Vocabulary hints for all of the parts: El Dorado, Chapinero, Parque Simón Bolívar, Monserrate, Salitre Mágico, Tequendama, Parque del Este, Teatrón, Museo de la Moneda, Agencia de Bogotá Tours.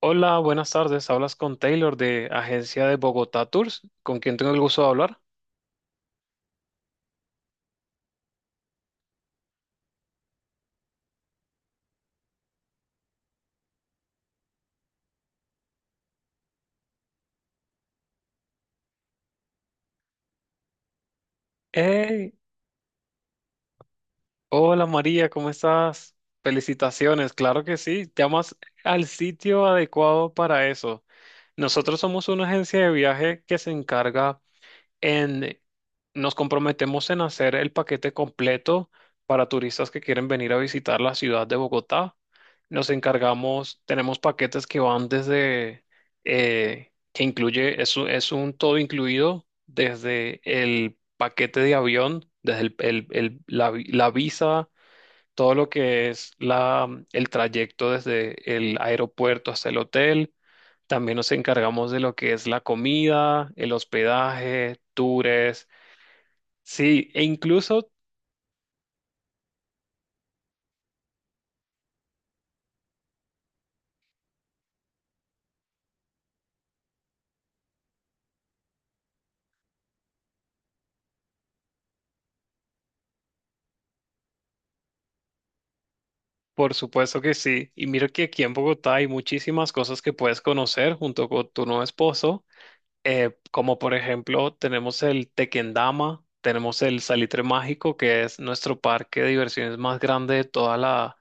Hola, buenas tardes. Hablas con Taylor de Agencia de Bogotá Tours, ¿con quien tengo el gusto de hablar? Hey, hola María, ¿cómo estás? Felicitaciones, claro que sí, llamas al sitio adecuado para eso. Nosotros somos una agencia de viaje que se encarga en, nos comprometemos en hacer el paquete completo para turistas que quieren venir a visitar la ciudad de Bogotá. Nos encargamos, tenemos paquetes que van desde, que incluye, es, es un todo incluido, desde el paquete de avión, desde la visa, todo lo que es la, el trayecto desde el aeropuerto hasta el hotel. También nos encargamos de lo que es la comida, el hospedaje, tours. Sí, e incluso, por supuesto que sí. Y mira que aquí en Bogotá hay muchísimas cosas que puedes conocer junto con tu nuevo esposo. Eh, como por ejemplo, tenemos el Tequendama, tenemos el Salitre Mágico, que es nuestro parque de diversiones más grande de toda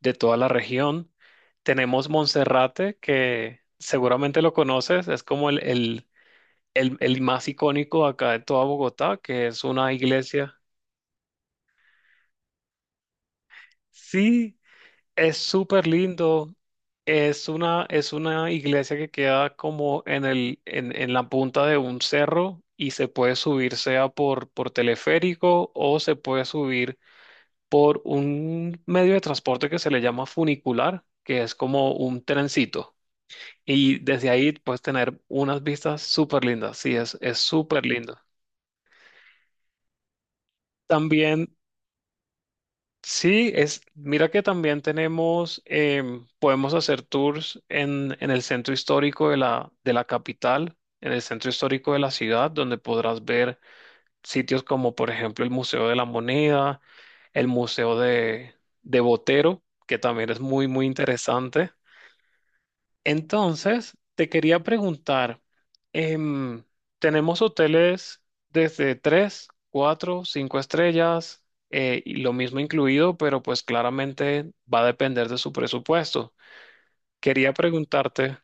de toda la región. Tenemos Monserrate, que seguramente lo conoces, es como el más icónico acá de toda Bogotá, que es una iglesia. Sí, es súper lindo. Es una iglesia que queda como en en la punta de un cerro y se puede subir sea por teleférico, o se puede subir por un medio de transporte que se le llama funicular, que es como un trencito. Y desde ahí puedes tener unas vistas súper lindas. Sí, es súper lindo. También sí, es, mira que también tenemos, podemos hacer tours en el centro histórico de la capital, en el centro histórico de la ciudad, donde podrás ver sitios como, por ejemplo, el Museo de la Moneda, el Museo de Botero, que también es muy, muy interesante. Entonces, te quería preguntar, em, tenemos hoteles desde 3, 4, 5 estrellas, y lo mismo incluido, pero pues claramente va a depender de su presupuesto. Quería preguntarte,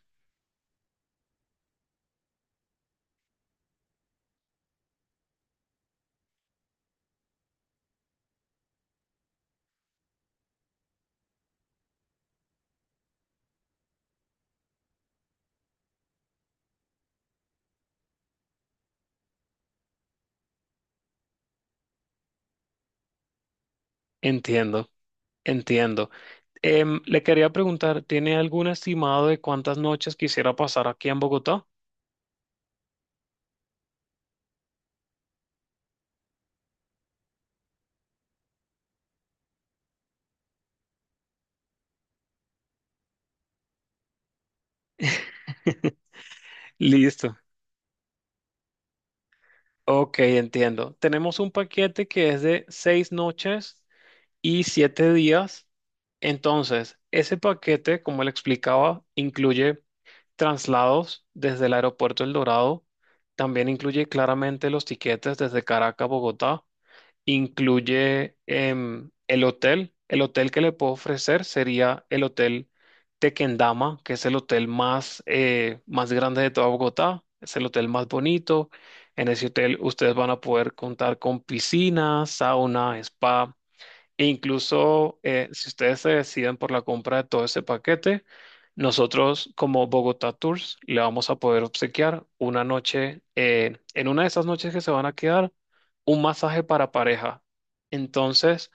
entiendo, entiendo. Le quería preguntar, ¿tiene algún estimado de cuántas noches quisiera pasar aquí en Bogotá? Listo. Ok, entiendo. Tenemos un paquete que es de 6 noches y 7 días. Entonces, ese paquete, como le explicaba, incluye traslados desde el aeropuerto El Dorado, también incluye claramente los tiquetes desde Caracas a Bogotá, incluye el hotel. El hotel que le puedo ofrecer sería el hotel Tequendama, que es el hotel más, más grande de toda Bogotá, es el hotel más bonito. En ese hotel ustedes van a poder contar con piscina, sauna, spa, e incluso si ustedes se deciden por la compra de todo ese paquete, nosotros como Bogotá Tours le vamos a poder obsequiar una noche, en una de esas noches que se van a quedar, un masaje para pareja. Entonces,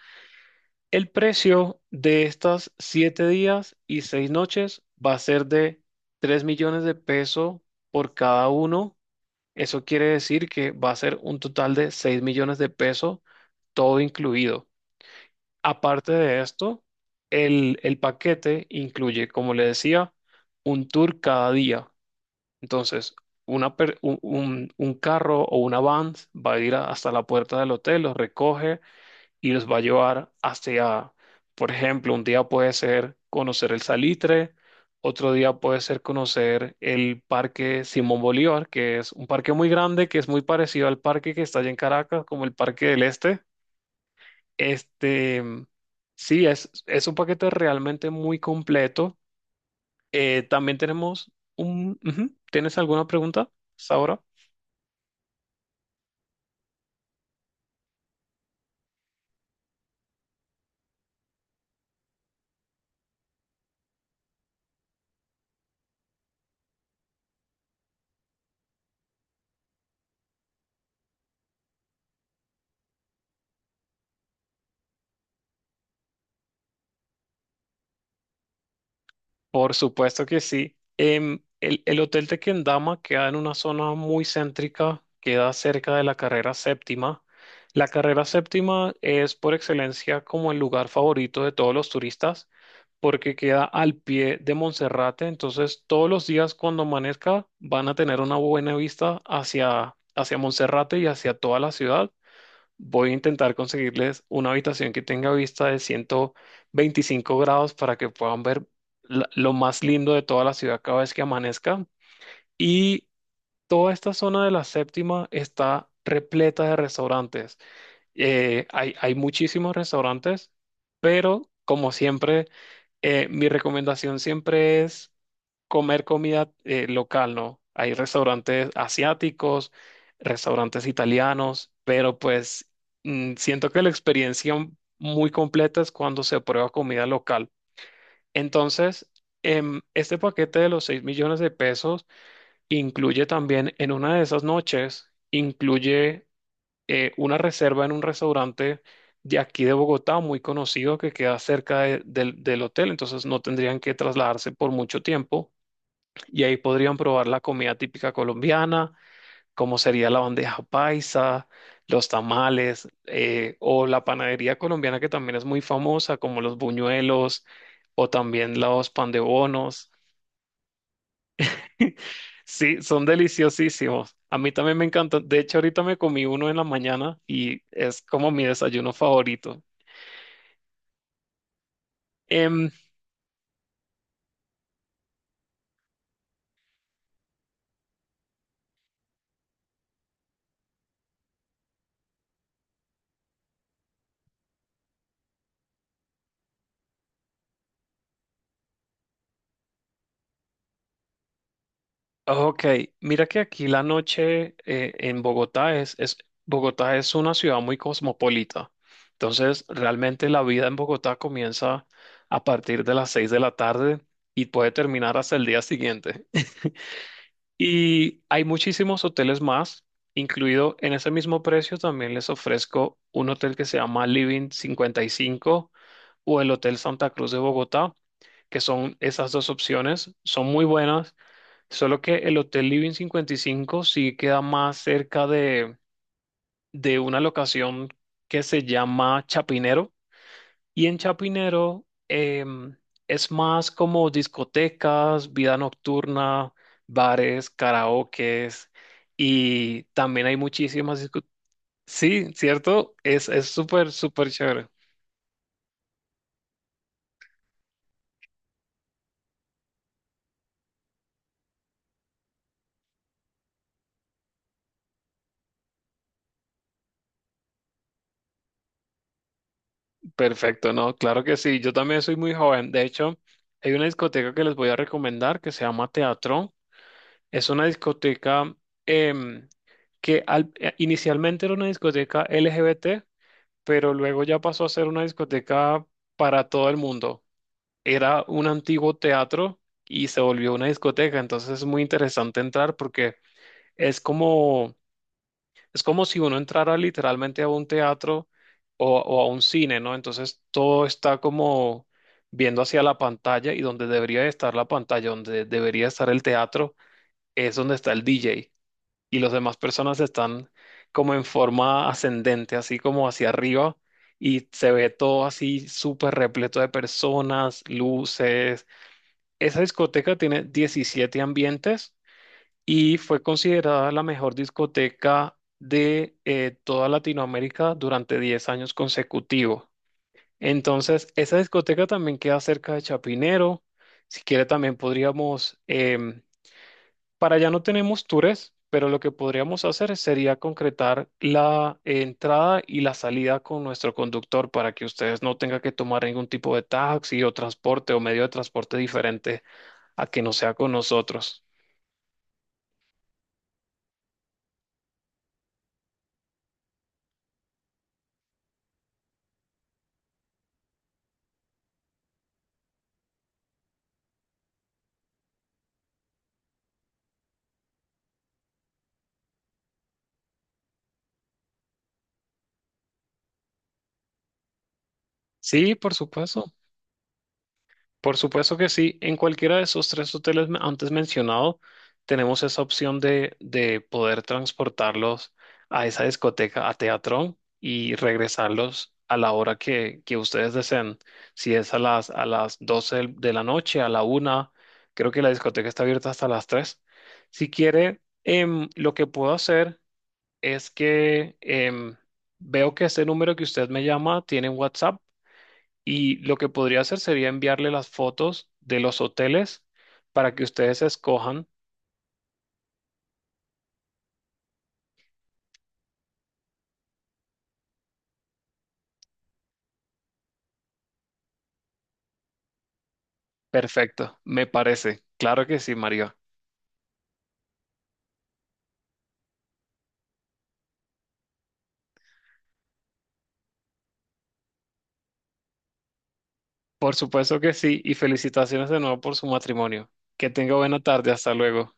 el precio de estas 7 días y 6 noches va a ser de $3.000.000 por cada uno. Eso quiere decir que va a ser un total de $6.000.000, todo incluido. Aparte de esto, el paquete incluye, como le decía, un tour cada día. Entonces, una per- un carro o una van va a ir hasta la puerta del hotel, los recoge y los va a llevar hacia, por ejemplo, un día puede ser conocer el Salitre, otro día puede ser conocer el Parque Simón Bolívar, que es un parque muy grande, que es muy parecido al parque que está allá en Caracas, como el Parque del Este. Este, sí, es un paquete realmente muy completo. También tenemos un... ujú. ¿Tienes alguna pregunta, Saura? Por supuesto que sí. El hotel de queda en una zona muy céntrica, queda cerca de la carrera séptima. La carrera séptima es por excelencia como el lugar favorito de todos los turistas, porque queda al pie de Monserrate. Entonces todos los días cuando amanezca van a tener una buena vista hacia, hacia Monserrate y hacia toda la ciudad. Voy a intentar conseguirles una habitación que tenga vista de 125 grados para que puedan ver lo más lindo de toda la ciudad cada vez que amanezca. Y toda esta zona de la séptima está repleta de restaurantes. Hay, hay muchísimos restaurantes, pero como siempre mi recomendación siempre es comer comida local, ¿no? Hay restaurantes asiáticos, restaurantes italianos, pero pues siento que la experiencia muy completa es cuando se prueba comida local. Entonces, este paquete de los $6.000.000 incluye también en una de esas noches, incluye una reserva en un restaurante de aquí de Bogotá, muy conocido, que queda cerca del hotel, entonces no tendrían que trasladarse por mucho tiempo y ahí podrían probar la comida típica colombiana, como sería la bandeja paisa, los tamales, o la panadería colombiana que también es muy famosa, como los buñuelos o también los pan de bonos. Sí, son deliciosísimos. A mí también me encantan. De hecho, ahorita me comí uno en la mañana y es como mi desayuno favorito. Em, ok, mira que aquí la noche en Bogotá es, Bogotá es una ciudad muy cosmopolita. Entonces, realmente la vida en Bogotá comienza a partir de las seis de la tarde y puede terminar hasta el día siguiente. Y hay muchísimos hoteles más, incluido en ese mismo precio también les ofrezco un hotel que se llama Living 55 o el Hotel Santa Cruz de Bogotá, que son esas dos opciones, son muy buenas, solo que el Hotel Living 55 sí queda más cerca de una locación que se llama Chapinero. Y en Chapinero es más como discotecas, vida nocturna, bares, karaokes, y también hay muchísimas discotecas. Sí, ¿cierto? Es súper, súper chévere. Perfecto, ¿no? Claro que sí. Yo también soy muy joven. De hecho, hay una discoteca que les voy a recomendar que se llama Teatro. Es una discoteca em, que inicialmente era una discoteca LGBT, pero luego ya pasó a ser una discoteca para todo el mundo. Era un antiguo teatro y se volvió una discoteca, entonces es muy interesante entrar porque es como, es como si uno entrara literalmente a un teatro o a un cine, ¿no? Entonces todo está como viendo hacia la pantalla, y donde debería estar la pantalla, donde debería estar el teatro, es donde está el DJ y las demás personas están como en forma ascendente, así como hacia arriba, y se ve todo así súper repleto de personas, luces. Esa discoteca tiene 17 ambientes y fue considerada la mejor discoteca de toda Latinoamérica durante 10 años consecutivos. Entonces, esa discoteca también queda cerca de Chapinero. Si quiere, también podríamos para allá no tenemos tours, pero lo que podríamos hacer sería concretar la entrada y la salida con nuestro conductor para que ustedes no tengan que tomar ningún tipo de taxi o transporte o medio de transporte diferente a que no sea con nosotros. Sí, por supuesto. Por supuesto que sí. En cualquiera de esos tres hoteles antes mencionado, tenemos esa opción de poder transportarlos a esa discoteca, a Teatrón, y regresarlos a la hora que ustedes deseen. Si es a las 12 de la noche, a la una, creo que la discoteca está abierta hasta las 3. Si quiere, lo que puedo hacer es que veo que ese número que usted me llama tiene WhatsApp. Y lo que podría hacer sería enviarle las fotos de los hoteles para que ustedes escojan. Perfecto, me parece. Claro que sí, María. Por supuesto que sí, y felicitaciones de nuevo por su matrimonio. Que tenga buena tarde, hasta luego.